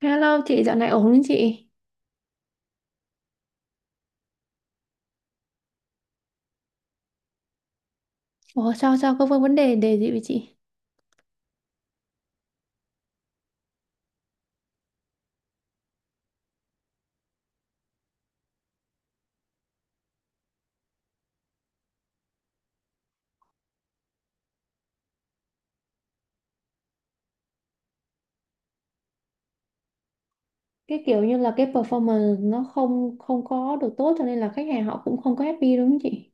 Hello chị, dạo này ổn không chị? Ủa sao sao có vấn đề đề gì với chị? Cái kiểu như là cái performance nó không không có được tốt cho nên là khách hàng họ cũng không có happy đúng không chị?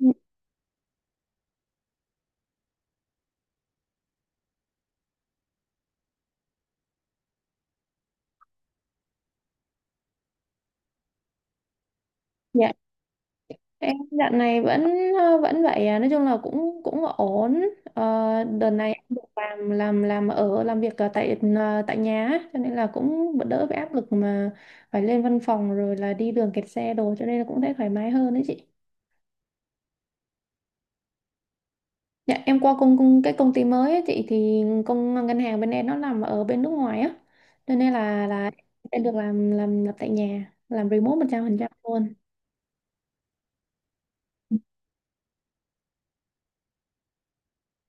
Ừ. Dạ em dạo này vẫn vẫn vậy à, nói chung là cũng cũng ổn. Ờ, Đợt này em được làm làm việc ở tại tại nhà á, cho nên là cũng đỡ bị áp lực mà phải lên văn phòng rồi là đi đường kẹt xe đồ, cho nên là cũng thấy thoải mái hơn đấy chị. Dạ, em qua công cái công ty mới ấy, chị thì công ngân hàng bên em nó nằm ở bên nước ngoài á. Cho nên là em được làm tại nhà, làm remote 100% luôn.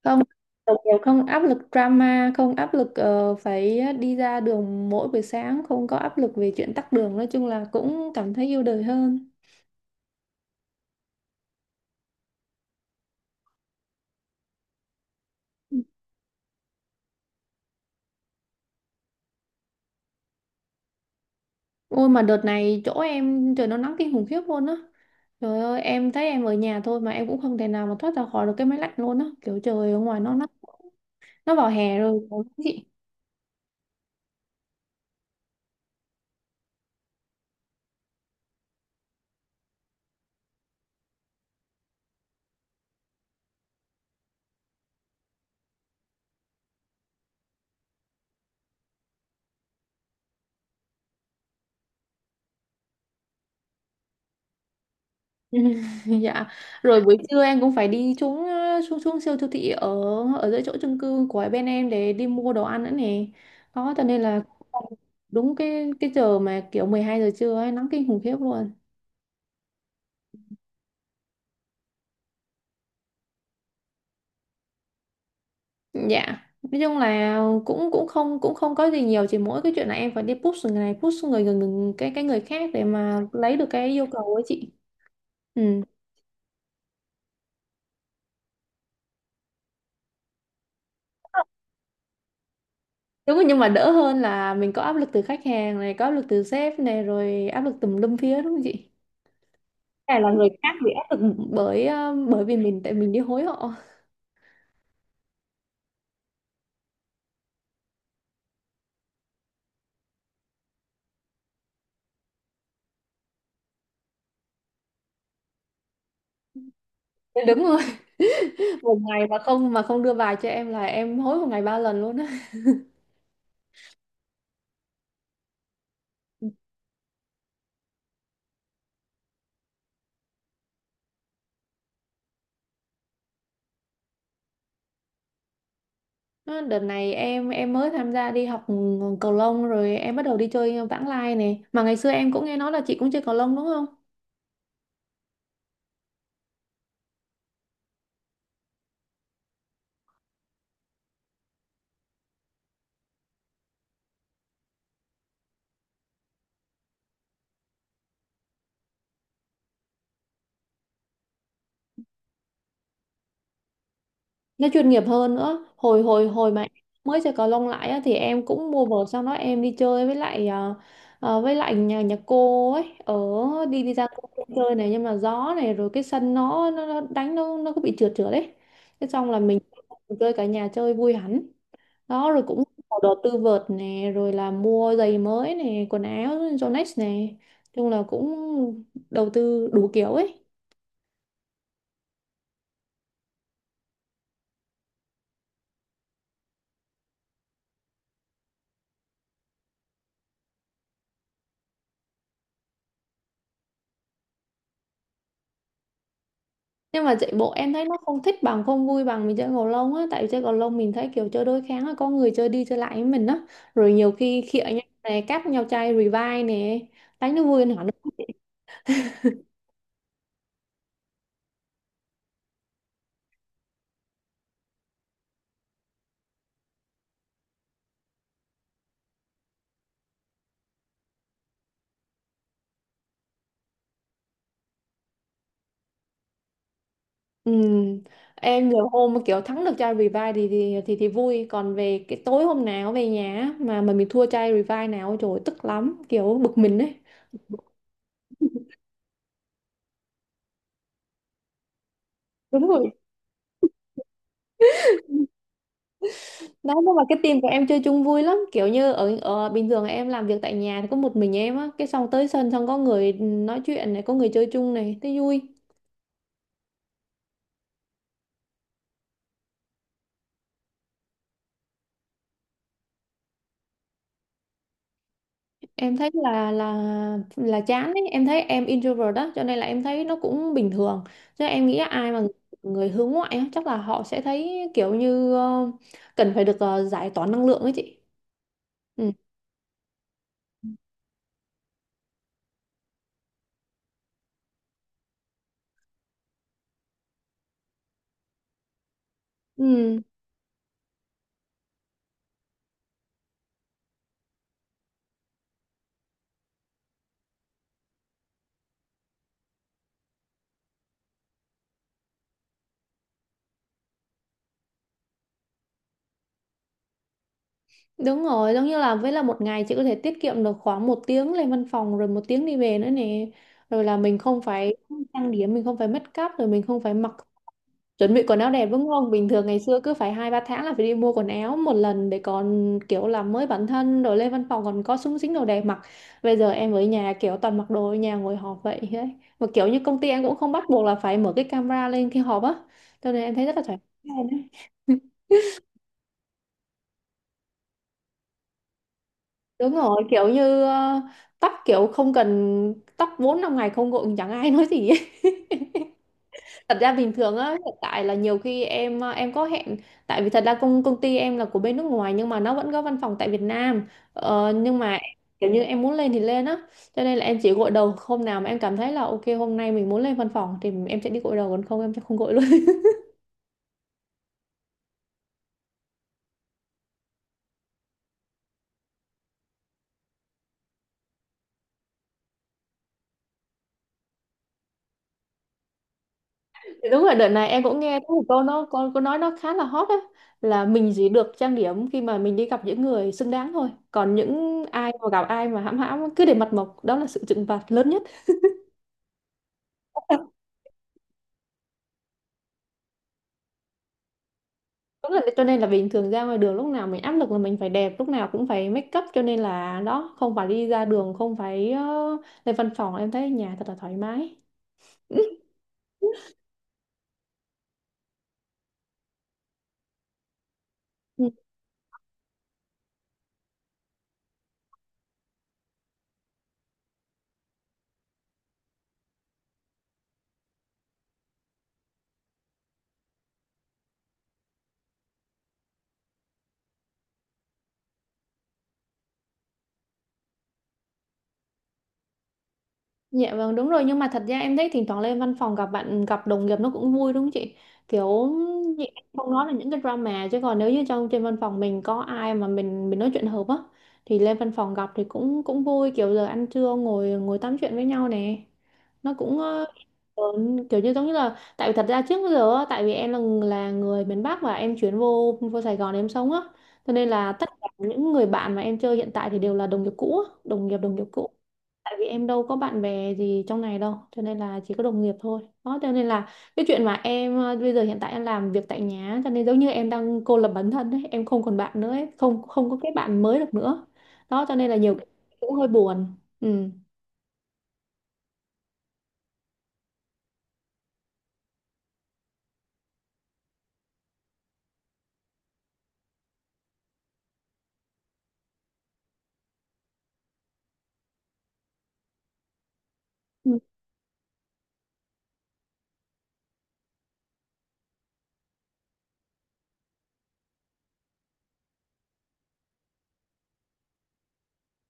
Không đồng nghiệp không áp lực drama, không áp lực phải đi ra đường mỗi buổi sáng, không có áp lực về chuyện tắc đường, nói chung là cũng cảm thấy yêu đời hơn. Ôi mà đợt này chỗ em trời nó nắng kinh khủng khiếp luôn á. Trời ơi, em thấy em ở nhà thôi mà em cũng không thể nào mà thoát ra khỏi được cái máy lạnh luôn á. Kiểu trời ở ngoài nó nắng, nó vào hè rồi đúng không chị? Dạ, rồi buổi trưa em cũng phải đi xuống ờ, xuống xuống siêu siêu thị ở ở dưới chỗ chung cư của bên em để đi mua đồ ăn nữa nè, đó cho nên là đúng cái giờ mà kiểu 12 giờ trưa ấy nắng kinh khủng khiếp luôn. Dạ, nói chung là cũng cũng không có gì nhiều, chỉ mỗi cái chuyện là em phải đi push người này, push người người, người cái người khác để mà lấy được cái yêu cầu ấy chị. Ừ. Đúng rồi, nhưng mà đỡ hơn là mình có áp lực từ khách hàng này, có áp lực từ sếp này, rồi áp lực tùm lum phía đúng không chị? Hay là người khác bị áp lực bởi bởi vì mình, tại mình đi hối họ. Dạ, đúng rồi. Một ngày mà không đưa bài cho em là em hối một ngày 3 lần luôn á. Nó, đợt này em mới tham gia đi học cầu lông, rồi em bắt đầu đi chơi vãng lai này. Mà ngày xưa em cũng nghe nói là chị cũng chơi cầu lông đúng không? Nó chuyên nghiệp hơn nữa. Hồi hồi hồi mà mới chơi cầu lông lại á, thì em cũng mua vợt, xong đó em đi chơi với lại với lại nhà nhà cô ấy ở, đi đi ra công viên chơi này, nhưng mà gió này, rồi cái sân nó đánh nó cứ bị trượt trượt đấy, thế xong là mình chơi cả nhà chơi vui hẳn, đó rồi cũng có đầu tư vợt nè, rồi là mua giày mới nè, quần áo Yonex nè, chung là cũng đầu tư đủ kiểu ấy. Nhưng mà chạy bộ em thấy nó không thích bằng, không vui bằng mình chơi cầu lông á, tại vì chơi cầu lông mình thấy kiểu chơi đôi kháng, là có người chơi đi chơi lại với mình á, rồi nhiều khi khịa nhau nè, cáp nhau chai revive nè, đánh nó vui hơn hẳn. Ừ. Em nhiều hôm mà kiểu thắng được chai revive thì thì vui, còn về cái tối hôm nào về nhà á, mà mình thua chai revive nào trời ơi, tức lắm, kiểu bực mình ấy. Đúng rồi. Đấy, nhưng mà cái team của em chơi chung vui lắm. Kiểu như ở bình thường em làm việc tại nhà thì có một mình em á, cái xong tới sân xong có người nói chuyện này, có người chơi chung này, thấy vui. Em thấy là chán ấy. Em thấy em introvert đó, cho nên là em thấy nó cũng bình thường. Chứ em nghĩ ai mà người hướng ngoại á, chắc là họ sẽ thấy kiểu như cần phải được giải tỏa năng lượng ấy chị. Ừ. Ừ. Đúng rồi, giống như là với là một ngày chị có thể tiết kiệm được khoảng 1 tiếng lên văn phòng rồi 1 tiếng đi về nữa nè. Rồi là mình không phải trang điểm, mình không phải make up, rồi mình không phải mặc, chuẩn bị quần áo đẹp đúng không? Bình thường ngày xưa cứ phải 2 3 tháng là phải đi mua quần áo một lần để còn kiểu làm mới bản thân rồi lên văn phòng còn có súng xính đồ đẹp mặc. Bây giờ em ở nhà kiểu toàn mặc đồ ở nhà ngồi họp vậy đấy. Mà kiểu như công ty em cũng không bắt buộc là phải mở cái camera lên khi họp á. Cho nên em thấy rất là thoải mái đấy. Đúng rồi, kiểu như ờ, tóc kiểu không cần tóc 4 5 ngày không gội chẳng ai nói gì ấy. Thật ra bình thường á, hiện tại là nhiều khi em em có hẹn, tại vì thật ra công công ty em là của bên nước ngoài, nhưng mà nó vẫn có văn phòng tại Việt Nam. Ờ, nhưng mà kiểu như em muốn lên thì lên á. Cho nên là em chỉ gội đầu hôm nào mà em cảm thấy là ok hôm nay mình muốn lên văn phòng thì em sẽ đi gội đầu, còn không em sẽ không gội luôn. Đúng rồi, đợt này em cũng nghe có một câu nó con có nói, nó khá là hot á, là mình chỉ được trang điểm khi mà mình đi gặp những người xứng đáng thôi. Còn những ai mà gặp, ai mà hãm hãm cứ để mặt mộc, đó là sự trừng phạt lớn nhất. Đúng, là cho nên là bình thường ra ngoài đường lúc nào mình áp lực là mình phải đẹp, lúc nào cũng phải make up, cho nên là đó, không phải đi ra đường, không phải lên văn phòng, em thấy ở nhà thật là thoải mái. Dạ vâng đúng rồi, nhưng mà thật ra em thấy thỉnh thoảng lên văn phòng gặp bạn gặp đồng nghiệp nó cũng vui đúng không chị? Kiểu chị không nói là những cái drama, chứ còn nếu như trong trên văn phòng mình có ai mà mình nói chuyện hợp á, thì lên văn phòng gặp thì cũng cũng vui, kiểu giờ ăn trưa ngồi ngồi tám chuyện với nhau nè, nó cũng ờ, kiểu như giống như là, tại vì thật ra trước giờ á, tại vì em là người miền Bắc và em chuyển vô vô Sài Gòn để em sống á, cho nên là tất cả những người bạn mà em chơi hiện tại thì đều là đồng nghiệp cũ á, đồng nghiệp cũ, tại vì em đâu có bạn bè gì trong này đâu, cho nên là chỉ có đồng nghiệp thôi, đó cho nên là cái chuyện mà em bây giờ hiện tại em làm việc tại nhà, cho nên giống như em đang cô lập bản thân ấy, em không còn bạn nữa ấy, không không có cái bạn mới được nữa, đó cho nên là nhiều cái cũng hơi buồn. Ừ.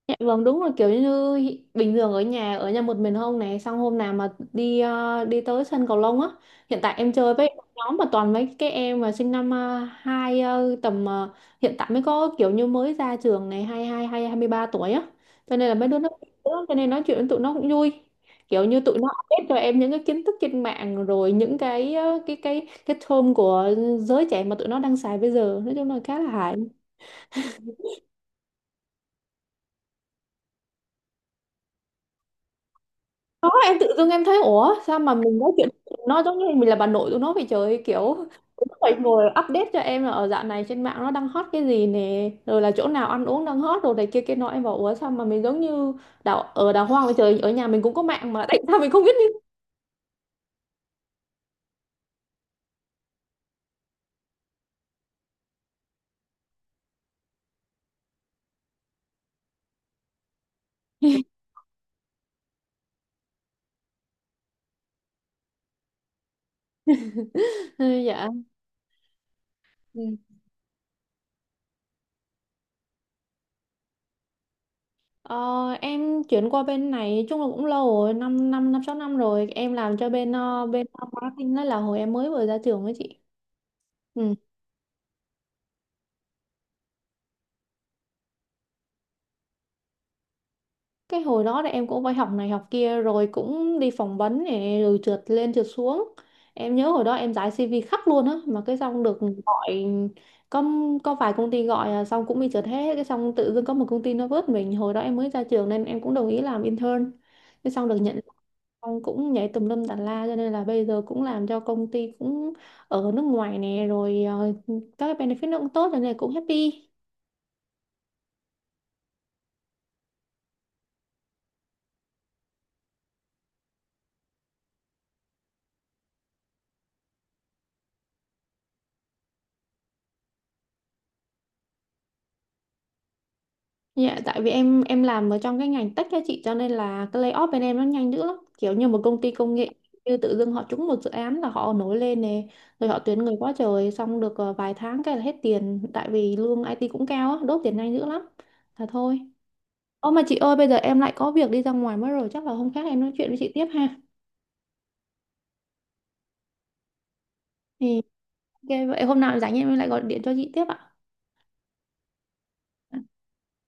Dạ vâng đúng rồi, kiểu như bình thường ở nhà một mình không này, xong hôm nào mà đi đi tới sân cầu lông á, hiện tại em chơi với nhóm mà toàn mấy cái em mà sinh năm ờ, hai ờ, tầm ờ, hiện tại mới có kiểu như mới ra trường này, hai hai hai 23 tuổi á, cho nên là mấy đứa nó, cho nên nói chuyện với tụi nó cũng vui, kiểu như tụi nó update cho em những cái kiến thức trên mạng, rồi những cái cái term của giới trẻ mà tụi nó đang xài bây giờ, nói chung là khá là hài. Em tự dưng em thấy ủa sao mà mình nói chuyện nó giống như mình là bà nội tụi nó vậy trời, kiểu tụi nó phải ngồi update cho em là ở dạo này trên mạng nó đang hot cái gì nè, rồi là chỗ nào ăn uống đang hot rồi này kia kia nọ, em bảo ủa sao mà mình giống như đào đào hoang vậy trời, ở nhà mình cũng có mạng mà tại sao mình không biết như. Ừ, dạ. Ừ. Ờ, em chuyển qua bên này chung là cũng lâu rồi, năm năm năm 6 năm rồi em làm cho bên bên marketing, đó là hồi em mới vừa ra trường ấy chị. Ừ. Cái hồi đó thì em cũng phải học này học kia, rồi cũng đi phỏng vấn này, rồi trượt lên trượt xuống. Em nhớ hồi đó em giải CV khắp luôn á, mà cái xong được gọi, có có vài công ty gọi à, xong cũng bị trượt hết, cái xong tự dưng có một công ty nó vớt mình, hồi đó em mới ra trường nên em cũng đồng ý làm intern, cái xong được nhận, xong cũng nhảy tùm lum tà la, cho nên là bây giờ cũng làm cho công ty cũng ở nước ngoài nè, rồi à, các cái benefit nó cũng tốt cho nên là cũng happy. Dạ, tại vì em làm ở trong cái ngành tech á chị, cho nên là cái layoff bên em nó nhanh dữ lắm. Kiểu như một công ty công nghệ như tự dưng họ trúng một dự án là họ nổi lên nè, rồi họ tuyển người quá trời, xong được vài tháng cái là hết tiền, tại vì lương IT cũng cao á, đốt tiền nhanh dữ lắm. Là thôi. Ô mà chị ơi bây giờ em lại có việc đi ra ngoài mất rồi, chắc là hôm khác em nói chuyện với chị tiếp ha. Thì ok vậy hôm nào rảnh em lại gọi điện cho chị tiếp ạ.